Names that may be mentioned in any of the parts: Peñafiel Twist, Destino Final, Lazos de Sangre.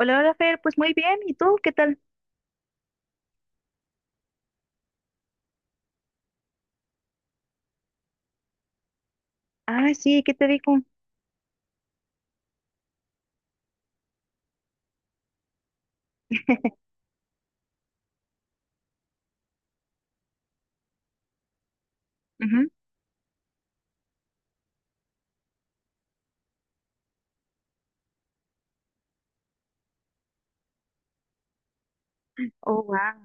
Hola, hola Fer, pues muy bien, ¿y tú qué tal? Ah, sí, ¿qué te dijo? Ujú. Oh, wow.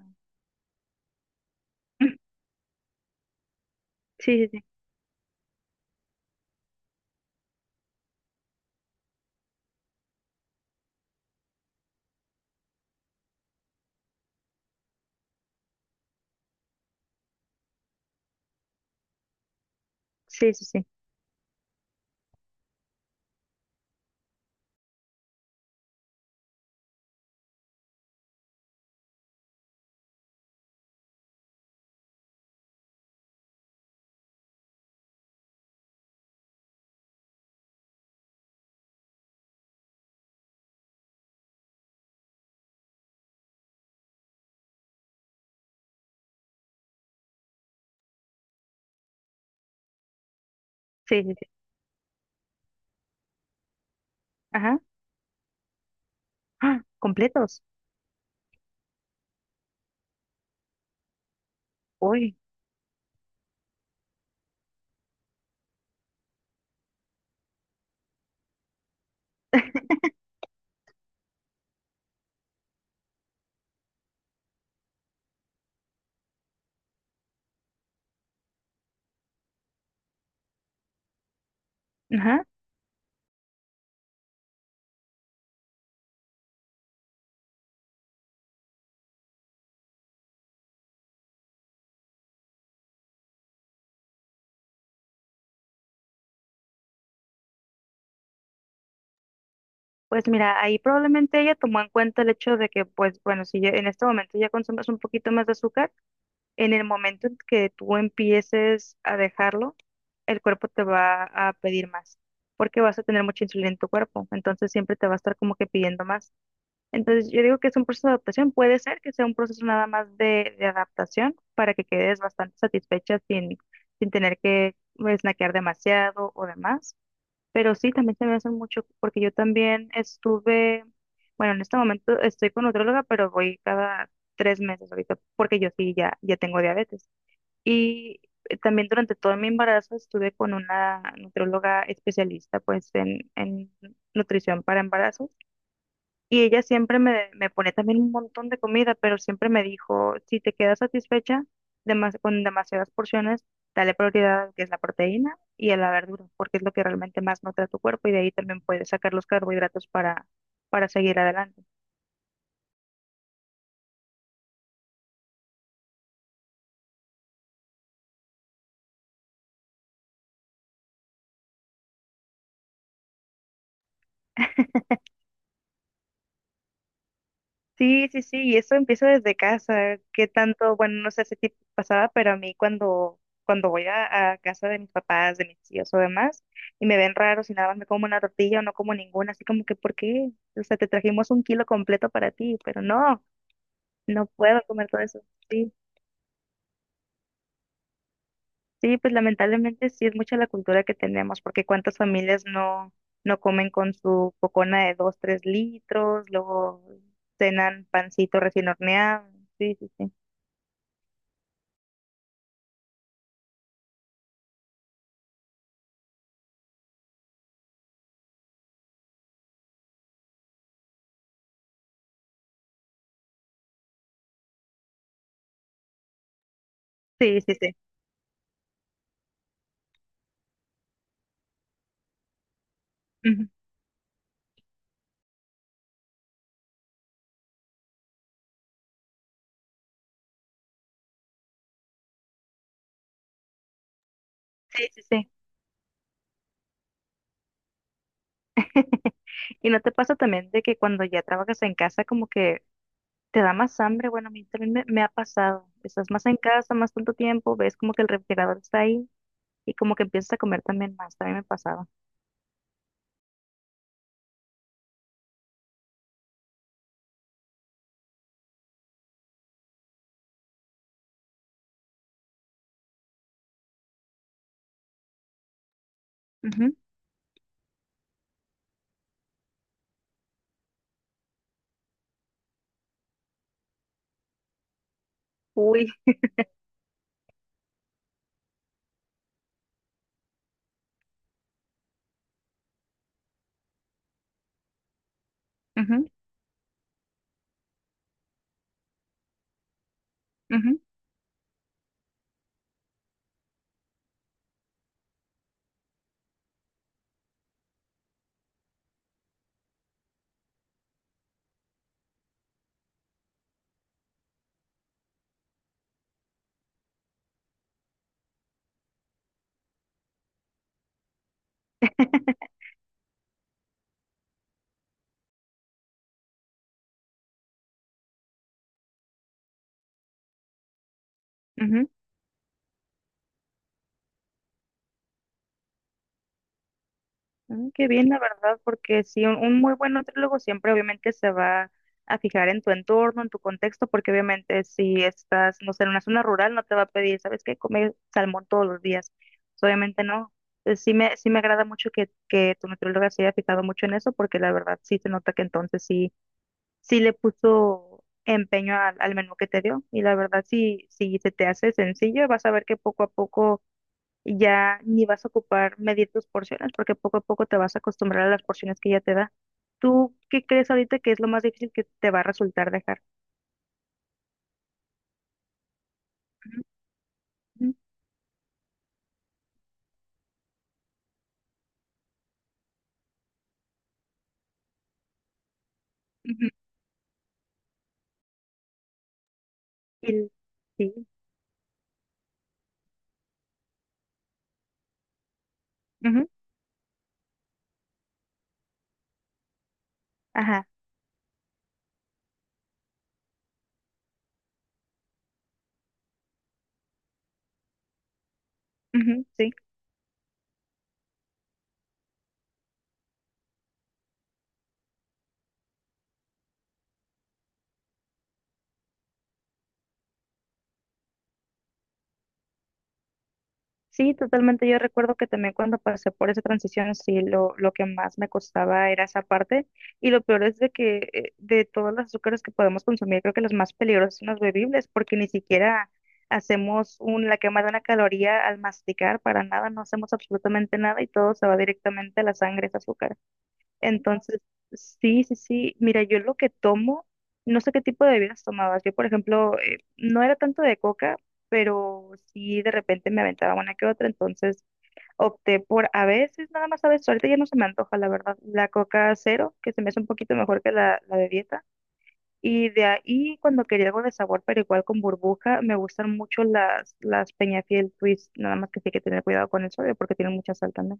Sí, sí, sí, sí, sí, sí, sí, sí, sí. Ajá. ¡Ah! Completos. Uy. Ajá. Pues mira, ahí probablemente ella tomó en cuenta el hecho de que, pues bueno, si ya- en este momento ya consumes un poquito más de azúcar, en el momento en que tú empieces a dejarlo, el cuerpo te va a pedir más, porque vas a tener mucha insulina en tu cuerpo, entonces siempre te va a estar como que pidiendo más. Entonces, yo digo que es un proceso de adaptación. Puede ser que sea un proceso nada más de adaptación para que quedes bastante satisfecha sin, sin tener que snackear demasiado o demás. Pero sí, también se me hace mucho porque yo también estuve, bueno, en este momento estoy con nutróloga, pero voy cada tres meses ahorita porque yo sí ya, ya tengo diabetes. Y también durante todo mi embarazo estuve con una nutróloga especialista pues en nutrición para embarazos y ella siempre me, me pone también un montón de comida, pero siempre me dijo, si te quedas satisfecha con demasiadas porciones, dale prioridad a lo que es la proteína y a la verdura, porque es lo que realmente más nutre a tu cuerpo y de ahí también puedes sacar los carbohidratos para seguir adelante. Sí, sí, sí, y eso empieza desde casa. ¿Qué tanto? Bueno, no sé si tipo pasaba, pero a mí cuando, cuando voy a casa de mis papás, de mis tíos o demás, y me ven raro si nada más me como una tortilla o no como ninguna, así como que, ¿por qué? O sea, te trajimos un kilo completo para ti, pero no, no puedo comer todo eso. Sí, sí, pues lamentablemente sí es mucha la cultura que tenemos, porque cuántas familias no, no comen con su cocona de dos, tres litros, luego cenan pancito recién horneado. Sí, sí, sí. Sí, sí, sí. Ujú. Sí, sí, sí. ¿Y no te pasa también de que cuando ya trabajas en casa como que te da más hambre? Bueno, a mí también me ha pasado. Estás más en casa, más tanto tiempo, ves como que el refrigerador está ahí y como que empiezas a comer también más. También me pasaba. Ujú. Uy. Ujú, ujú, ujú. Mm, qué bien, la verdad, porque sí, un muy buen nutriólogo siempre obviamente se va a fijar en tu entorno, en tu contexto, porque obviamente si estás, no sé, en una zona rural, no te va a pedir, ¿sabes qué? Comer salmón todos los días. Pues, obviamente no. Sí me agrada mucho que tu nutrióloga se haya fijado mucho en eso, porque la verdad sí se nota que entonces sí, sí le puso empeño al, al menú que te dio. Y la verdad, sí, si se te hace sencillo, vas a ver que poco a poco y ya ni vas a ocupar medir tus porciones porque poco a poco te vas a acostumbrar a las porciones que ya te da. ¿Tú qué crees ahorita que es lo más difícil que te va a resultar dejar? Ujú, ujú, ujú. Y, sí. Ujú, ajá. Ujú, sí. Sí, totalmente. Yo recuerdo que también cuando pasé por esa transición, sí, lo que más me costaba era esa parte. Y lo peor es de que de todos los azúcares que podemos consumir, creo que los más peligrosos son los bebibles, porque ni siquiera hacemos un, la quema de una caloría al masticar, para nada, no hacemos absolutamente nada y todo se va directamente a la sangre, ese azúcar. Entonces, sí, sí, sí. Mira, yo lo que tomo, no sé qué tipo de bebidas tomabas. Yo, por ejemplo, no era tanto de coca, pero sí de repente me aventaba una que otra. Entonces opté por a veces, nada más a veces. Ahorita ya no se me antoja, la verdad. La coca cero, que se me hace un poquito mejor que la de dieta. Y de ahí, cuando quería algo de sabor, pero igual con burbuja, me gustan mucho las Peñafiel Twist. Nada más que sí hay que tener cuidado con el sodio porque tienen mucha sal también.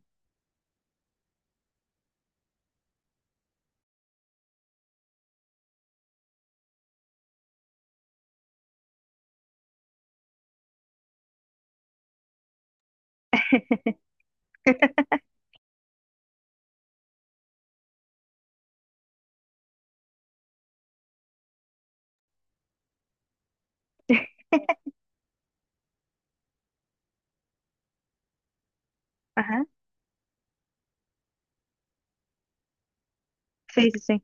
Ajá. Sí, sí, sí.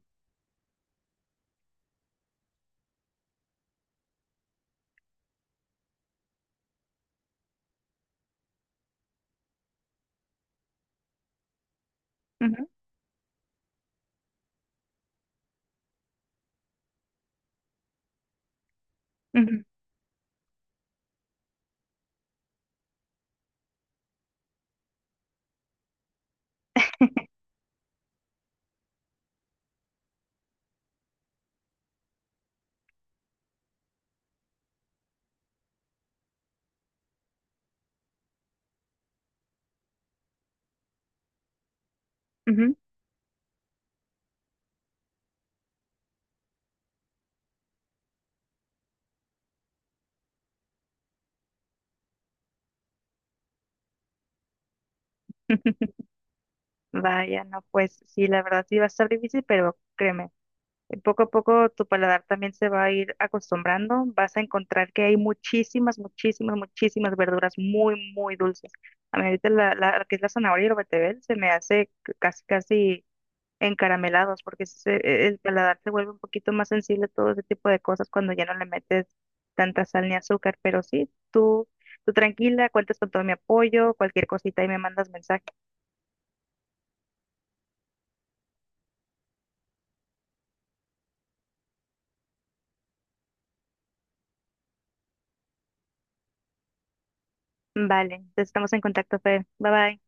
Ujú, ujú, ujú. Vaya, no, pues sí, la verdad sí va a estar difícil, pero créeme, poco a poco tu paladar también se va a ir acostumbrando, vas a encontrar que hay muchísimas, muchísimas, muchísimas verduras muy, muy dulces. A mí ahorita la, la, lo que es la zanahoria y el betabel se me hace casi, casi encaramelados, el paladar se vuelve un poquito más sensible a todo ese tipo de cosas cuando ya no le metes tanta sal ni azúcar, pero sí, tú tranquila, cuentas con todo mi apoyo, cualquier cosita y me mandas mensaje. Vale, entonces estamos en contacto, Fer. Bye bye.